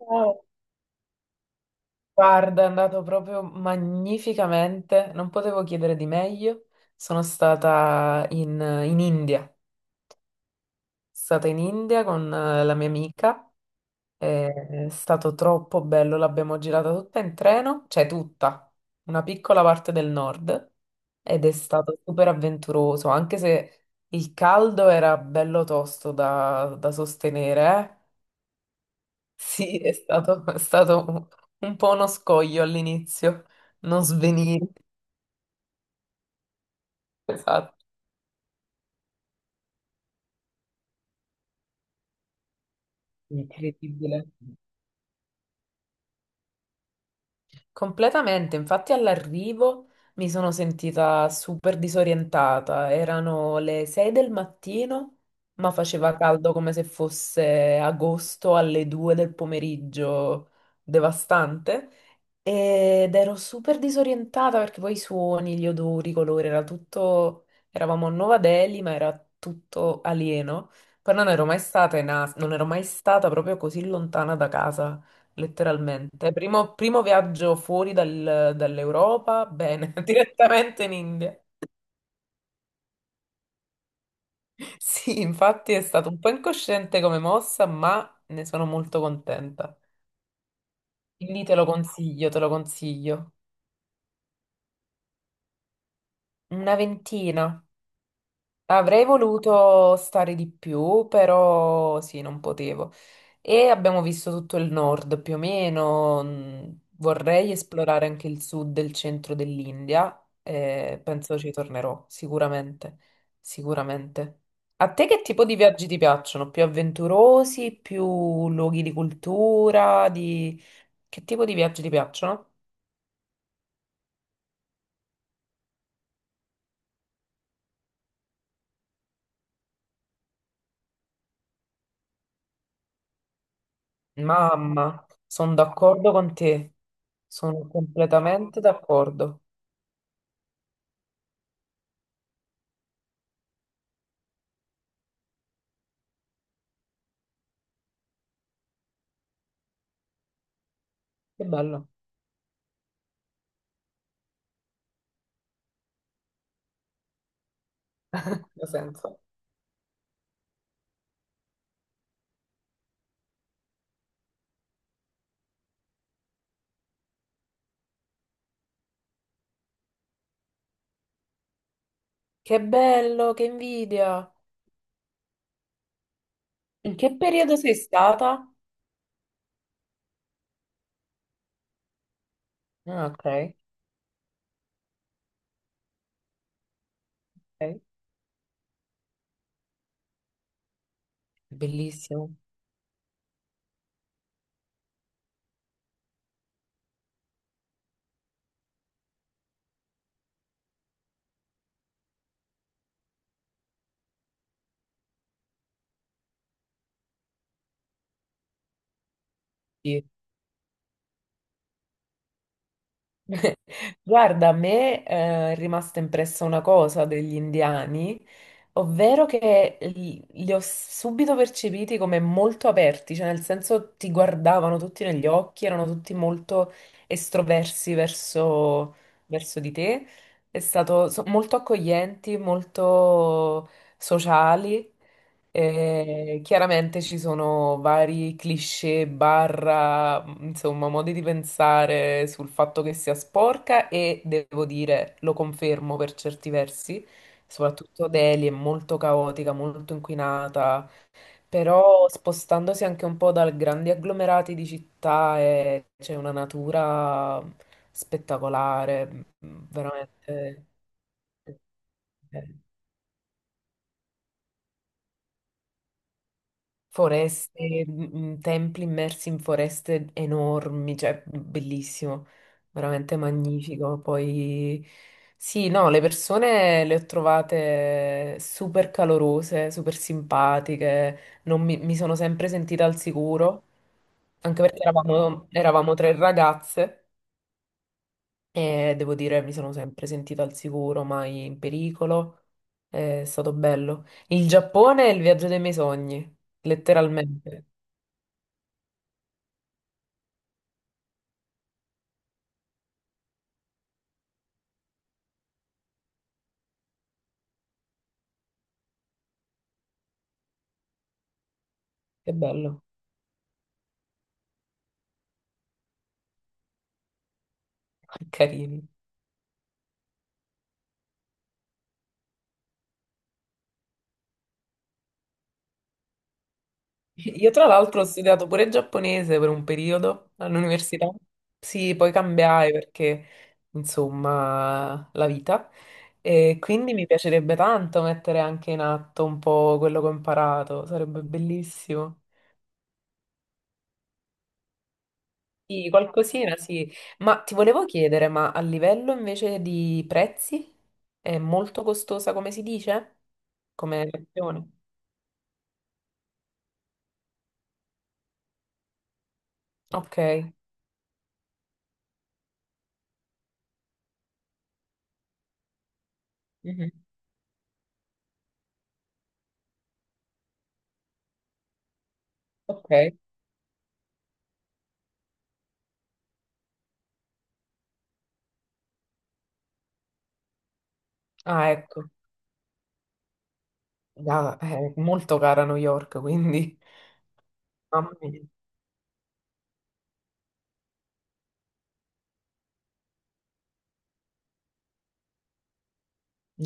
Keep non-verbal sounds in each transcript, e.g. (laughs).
Oh, guarda, è andato proprio magnificamente, non potevo chiedere di meglio. Sono stata in India, sono stata in India con la mia amica. È stato troppo bello, l'abbiamo girata tutta in treno, cioè tutta, una piccola parte del nord, ed è stato super avventuroso, anche se il caldo era bello tosto da sostenere, eh. Sì, è stato un, po' uno scoglio all'inizio, non svenire, esatto, incredibile. Completamente, infatti all'arrivo mi sono sentita super disorientata, erano le 6 del mattino, ma faceva caldo come se fosse agosto alle 2 del pomeriggio, devastante. Ed ero super disorientata perché poi i suoni, gli odori, i colori, era tutto. Eravamo a Nuova Delhi, ma era tutto alieno. Poi non ero mai stata proprio così lontana da casa, letteralmente. Primo viaggio fuori dall'Europa, bene, (laughs) direttamente in India. Sì, infatti è stato un po' incosciente come mossa, ma ne sono molto contenta. Quindi te lo consiglio, te lo consiglio. Una ventina. Avrei voluto stare di più, però sì, non potevo. E abbiamo visto tutto il nord più o meno. Vorrei esplorare anche il sud e il centro dell'India. Penso ci tornerò sicuramente. Sicuramente. A te che tipo di viaggi ti piacciono? Più avventurosi, più luoghi di cultura. Che tipo di viaggi ti piacciono? Mamma, sono d'accordo con te. Sono completamente d'accordo. Che bello, ha senso. Che bello, che invidia. In che periodo sei stata? Ah, ok, ok. Bellissimo. Sì. (laughs) Guarda, a me è rimasta impressa una cosa degli indiani, ovvero che li ho subito percepiti come molto aperti, cioè nel senso ti guardavano tutti negli occhi, erano tutti molto estroversi verso di te, è stato molto accoglienti, molto sociali. Chiaramente ci sono vari cliché, barra, insomma, modi di pensare sul fatto che sia sporca e devo dire, lo confermo per certi versi, soprattutto Delhi è molto caotica, molto inquinata, però spostandosi anche un po' da grandi agglomerati di città c'è una natura spettacolare, veramente. Eh, eh. Foreste, templi immersi in foreste enormi, cioè bellissimo, veramente magnifico. Poi sì, no, le persone le ho trovate super calorose, super simpatiche, non mi sono sempre sentita al sicuro, anche perché eravamo tre ragazze e devo dire mi sono sempre sentita al sicuro, mai in pericolo. È stato bello. Il Giappone è il viaggio dei miei sogni, letteralmente. Che bello, (laughs) carini. Io tra l'altro ho studiato pure giapponese per un periodo all'università. Sì, poi cambiai perché, insomma, la vita. E quindi mi piacerebbe tanto mettere anche in atto un po' quello che ho imparato, sarebbe bellissimo. Sì, qualcosina, sì. Ma ti volevo chiedere, ma a livello invece di prezzi è molto costosa, come si dice? Come lezione? Ok. Mhm. Ok. Ah, ecco. È molto cara New York, quindi. Mamma mia.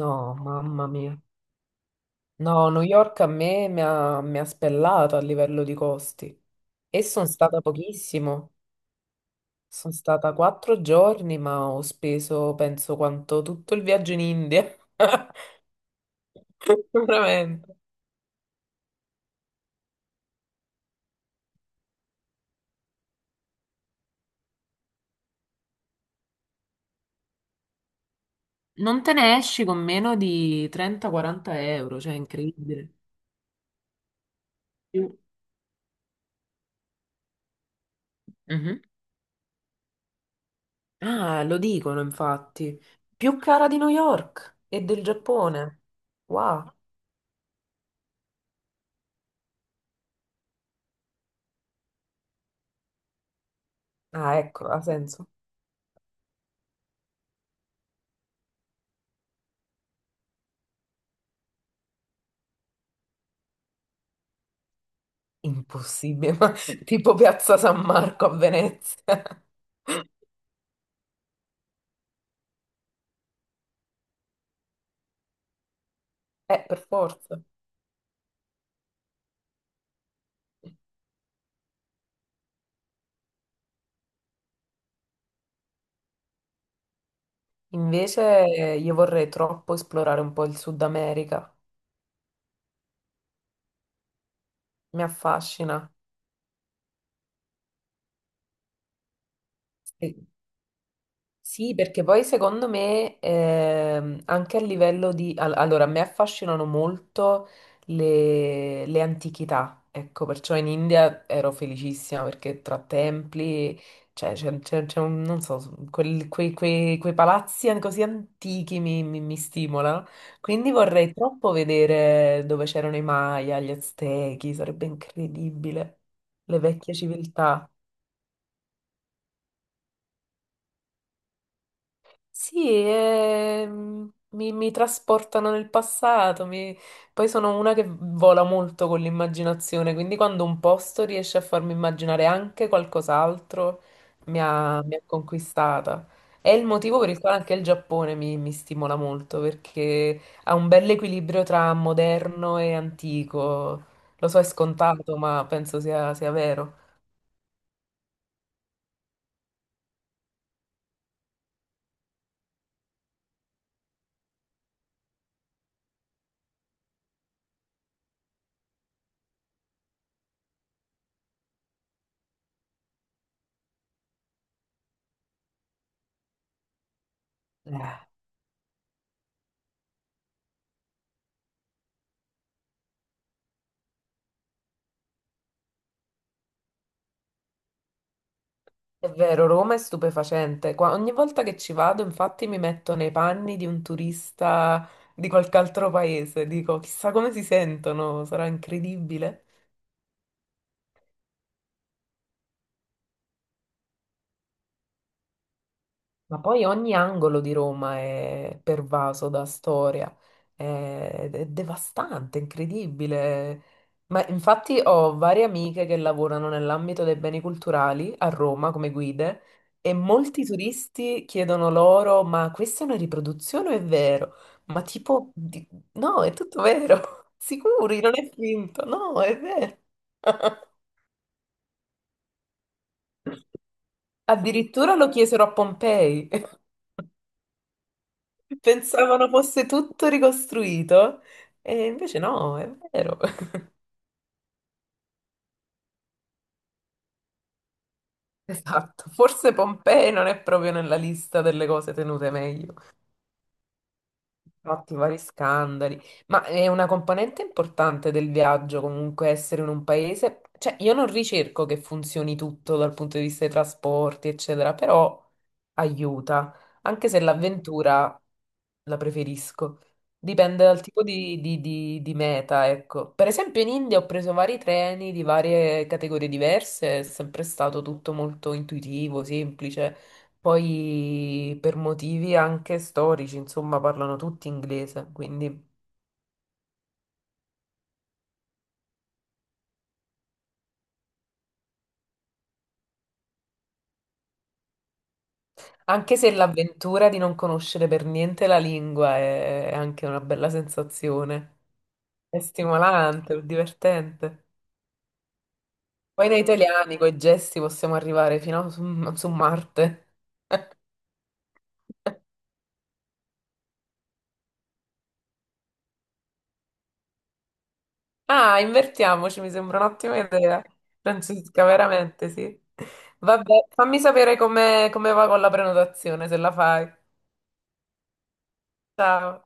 No, mamma mia. No, New York a me mi ha spellato a livello di costi. E sono stata pochissimo. Sono stata 4 giorni, ma ho speso, penso, quanto tutto il viaggio in India. (laughs) Veramente. Non te ne esci con meno di 30-40 euro, cioè è incredibile. Sì. Mhm. Ah, lo dicono infatti. Più cara di New York e del Giappone. Wow. Ah, ecco, ha senso. Impossibile, (laughs) ma tipo Piazza San Marco a Venezia. (laughs) Per forza. Invece io vorrei troppo esplorare un po' il Sud America. Mi affascina. Sì. Sì, perché poi secondo me anche a livello di allora, a me affascinano molto le antichità, ecco, perciò in India ero felicissima perché tra templi, cioè, c'è non so, quei palazzi così antichi mi stimolano, quindi vorrei troppo vedere dove c'erano i Maya, gli Aztechi, sarebbe incredibile, le vecchie civiltà. Sì, mi trasportano nel passato, poi sono una che vola molto con l'immaginazione, quindi quando un posto riesce a farmi immaginare anche qualcos'altro, mi ha conquistata. È il motivo per il quale anche il Giappone mi stimola molto, perché ha un bel equilibrio tra moderno e antico. Lo so, è scontato, ma penso sia vero. Eh. È vero, Roma è stupefacente. Ogni volta che ci vado, infatti, mi metto nei panni di un turista di qualche altro paese. Dico, chissà come si sentono, sarà incredibile. Ma poi ogni angolo di Roma è pervaso da storia, è devastante, incredibile. Ma infatti ho varie amiche che lavorano nell'ambito dei beni culturali a Roma come guide e molti turisti chiedono loro, ma questa è una riproduzione o è vero? Ma tipo, no, è tutto vero, (laughs) sicuri, non è finto, no, è vero. (laughs) Addirittura lo chiesero a Pompei. (laughs) Pensavano fosse tutto ricostruito e invece no, è vero. (laughs) Esatto, forse Pompei non è proprio nella lista delle cose tenute meglio. Fatti vari scandali, ma è una componente importante del viaggio comunque essere in un paese, cioè io non ricerco che funzioni tutto dal punto di vista dei trasporti, eccetera, però aiuta, anche se l'avventura la preferisco, dipende dal tipo di meta, ecco. Per esempio in India ho preso vari treni di varie categorie diverse, è sempre stato tutto molto intuitivo, semplice. Poi per motivi anche storici, insomma, parlano tutti inglese, quindi anche se l'avventura di non conoscere per niente la lingua è anche una bella sensazione, è stimolante, è divertente. Poi noi italiani con i gesti possiamo arrivare fino a su Marte. (laughs) Ah, invertiamoci, mi sembra un'ottima idea. Francesca, veramente, sì. Vabbè, fammi sapere come va con la prenotazione, se la fai. Ciao.